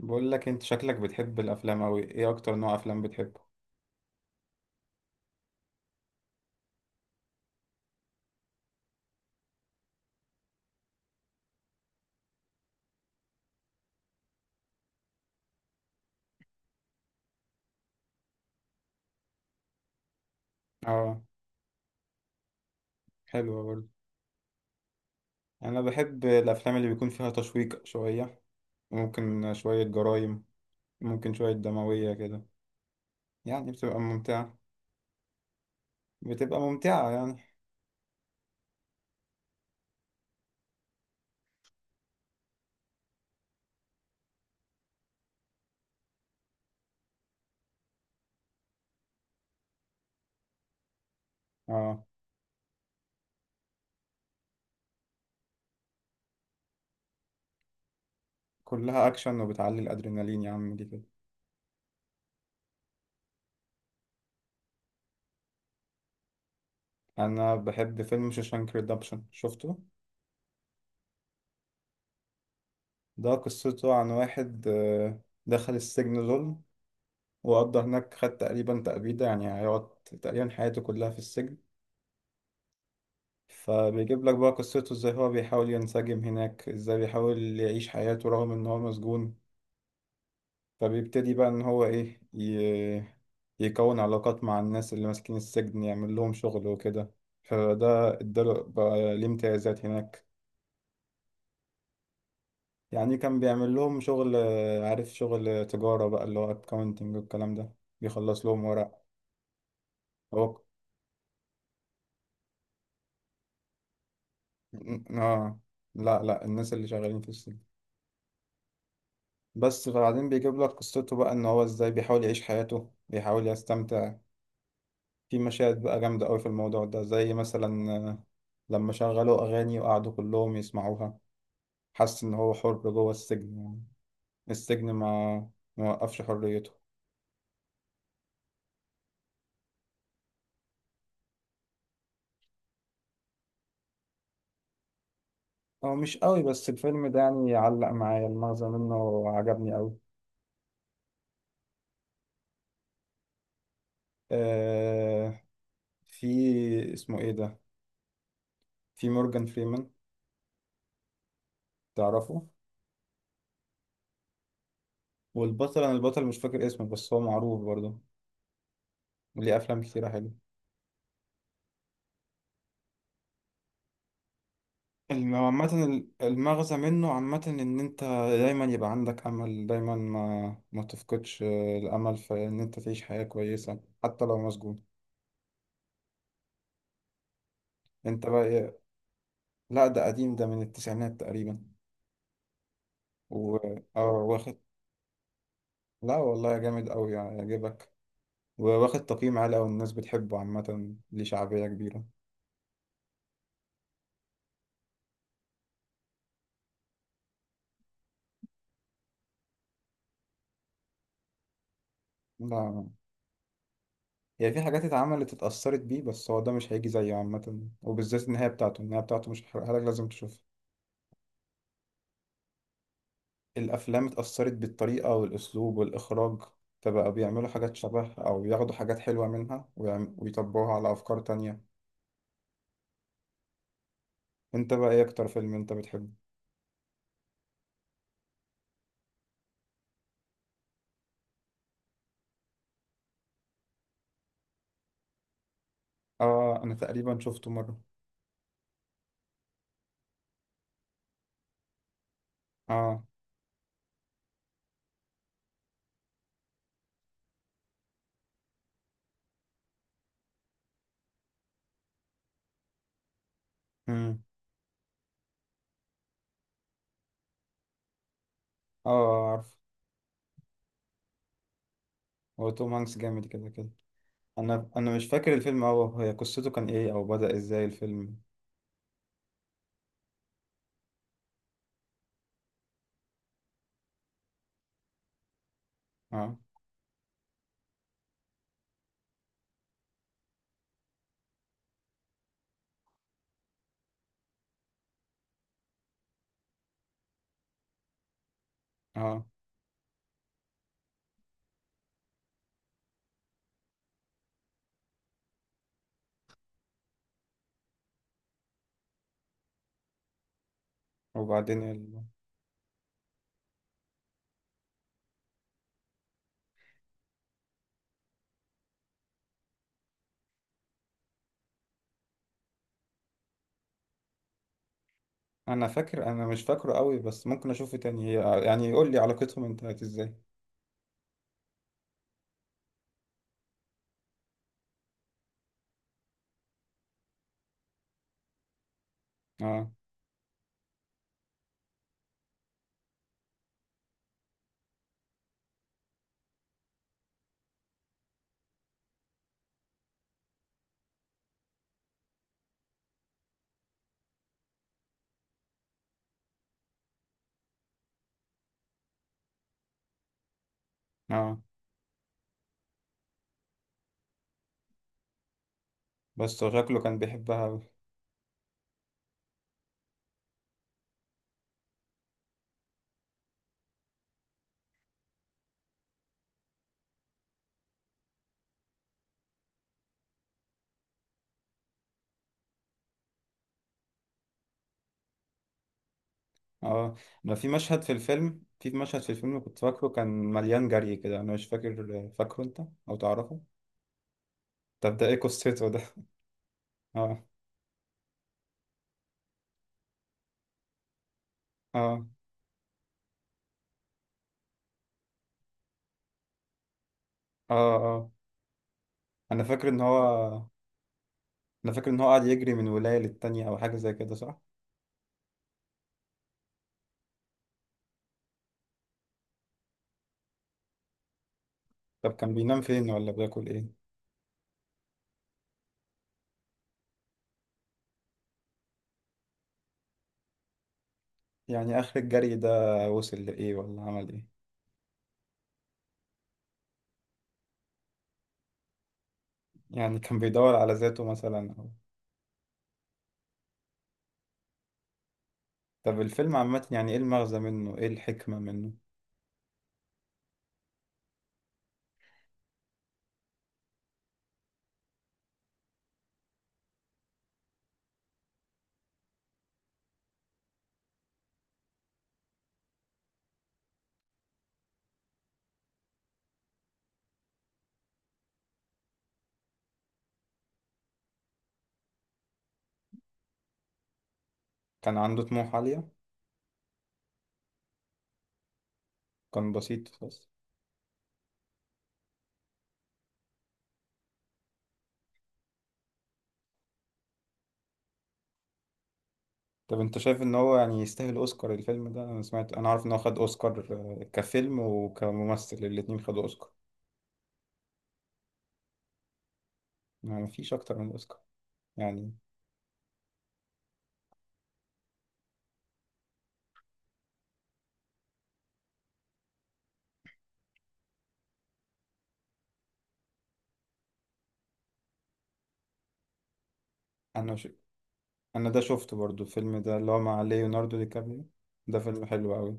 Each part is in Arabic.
بقول لك، انت شكلك بتحب الافلام اوي. ايه اكتر نوع افلام بتحبه؟ اه، حلوة برضه. انا بحب الافلام اللي بيكون فيها تشويق شويه، ممكن شويه جرايم، ممكن شويه دمويه كده. يعني بتبقى ممتعه، بتبقى ممتعه يعني. اه، كلها اكشن وبتعلي الادرينالين يا عم دي كده. انا بحب فيلم شوشانك ريدمبشن، شفته؟ ده قصته عن واحد دخل السجن ظلم، وقضى هناك، خد تقريبا تأبيدة، يعني هيقعد تقريبا حياته كلها في السجن. فبيجيب لك بقى قصته ازاي هو بيحاول ينسجم هناك، ازاي بيحاول يعيش حياته رغم ان هو مسجون. فبيبتدي بقى ان هو يكون علاقات مع الناس اللي ماسكين السجن، يعمل لهم شغل وكده. فده اداله بقى ليه امتيازات هناك. يعني كان بيعمل لهم شغل، عارف، شغل تجارة بقى اللي هو اكاونتنج والكلام ده، بيخلص لهم ورق. هو، اه، لا لا، الناس اللي شغالين في السجن. بس فبعدين بيجيب لك قصته بقى ان هو ازاي بيحاول يعيش حياته، بيحاول يستمتع. في مشاهد بقى جامدة قوي في الموضوع ده، زي مثلا لما شغلوا اغاني وقعدوا كلهم يسمعوها، حس ان هو حر جوه السجن، يعني السجن ما وقفش حريته. هو مش قوي، بس الفيلم ده يعني علق معايا، المغزى منه عجبني قوي. آه، في، اسمه ايه ده، في مورجان فريمان، تعرفه؟ والبطل، انا البطل مش فاكر اسمه، بس هو معروف برضه، ليه افلام كتيرة حلوة. عامة، المغزى منه عامة إن أنت دايما يبقى عندك أمل، دايما ما تفقدش الأمل في إن أنت تعيش حياة كويسة حتى لو مسجون. أنت بقى إيه- لا، ده قديم، ده من التسعينات تقريبا. و آه واخد. لا والله جامد أوي يعني يعجبك، وواخد تقييم عالي أوي، الناس بتحبه عامة، ليه شعبية كبيرة. لا، هي في حاجات اتعملت، اتأثرت بيه، بس هو ده مش هيجي زيه عامة. وبالذات النهاية بتاعته، النهاية بتاعته مش هحرقها لك، لازم تشوفها. الأفلام اتأثرت بالطريقة والأسلوب والإخراج، فبقوا بيعملوا حاجات شبه أو بياخدوا حاجات حلوة منها ويطبقوها على أفكار تانية. أنت بقى، إيه أكتر فيلم أنت بتحبه؟ آه، أنا تقريبا شفته مرة. آه. مم. آه، عارف. هو، توم هانكس جامد كده كده. أنا مش فاكر الفيلم أوي، هي قصته كان إيه أو بدأ إزاي الفيلم؟ آه، آه، وبعدين أنا فاكر، أنا مش فاكره أوي، بس ممكن أشوفه تاني، هي يعني يقول لي علاقتهم انتهت إزاي؟ آه، آه، بس هو شكله كان بيحبها أوي. اه، ما في مشهد في الفيلم، كنت فاكره كان مليان جري كده، انا مش فاكره انت او تعرفه؟ طب ده ايه قصته ده؟ اه. اه، اه، اه انا فاكر ان هو انا فاكر ان هو قاعد يجري من ولاية للتانية او حاجة زي كده، صح؟ طب كان بينام فين ولا بياكل ايه؟ يعني اخر الجري ده وصل لايه ولا عمل ايه؟ يعني كان بيدور على ذاته مثلا طب الفيلم عامة، يعني ايه المغزى منه، ايه الحكمة منه؟ كان عنده طموح عالية. كان بسيط خالص. طب انت شايف ان هو يعني يستاهل اوسكار الفيلم ده؟ انا سمعت، انا عارف ان هو خد اوسكار، كفيلم وكممثل الاتنين خدوا اوسكار. يعني مفيش اكتر من اوسكار؟ يعني، انا ش... انا ده شفته برضو الفيلم ده اللي هو مع ليوناردو دي كابريو، ده فيلم حلو قوي.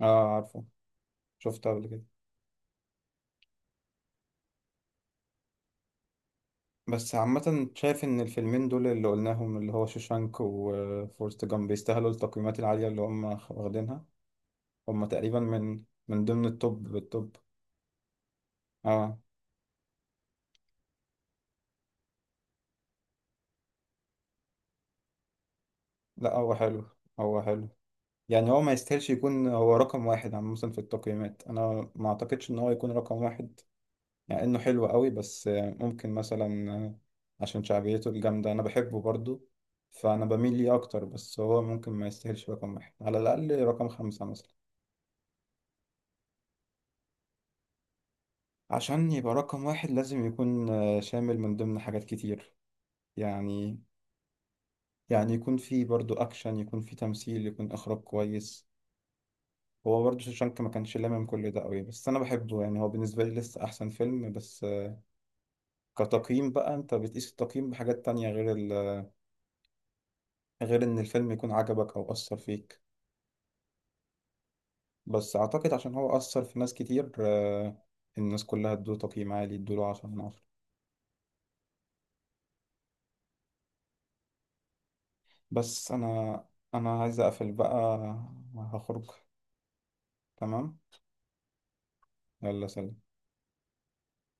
اه، عارفه، شفته قبل كده. بس عامة شايف ان الفيلمين دول اللي قلناهم، اللي هو شوشانك وفورست جامب، بيستاهلوا التقييمات العالية اللي هم واخدينها. هم تقريبا من ضمن التوب بالتوب. اه. لا، هو حلو، هو حلو. يعني هو ما يستاهلش يكون هو رقم واحد عامة في التقييمات، أنا ما أعتقدش إن هو يكون رقم واحد. يعني إنه حلو قوي، بس ممكن مثلا، عشان شعبيته الجامدة أنا بحبه برضو، فأنا بميل ليه أكتر. بس هو ممكن ما يستاهلش رقم واحد، على الأقل رقم 5 مثلا. عشان يبقى رقم واحد لازم يكون شامل من ضمن حاجات كتير، يعني. يعني يكون فيه برضو أكشن، يكون فيه تمثيل، يكون إخراج كويس. هو برضه شوشانك ما كانش لامم كل ده قوي، بس انا بحبه، يعني هو بالنسبه لي لسه احسن فيلم. بس كتقييم بقى انت بتقيس التقييم بحاجات تانية غير غير ان الفيلم يكون عجبك او اثر فيك. بس اعتقد عشان هو اثر في ناس كتير، الناس كلها ادوه تقييم عالي، ادوله 10/10. بس انا عايز اقفل بقى، هخرج. تمام، يلا سلام.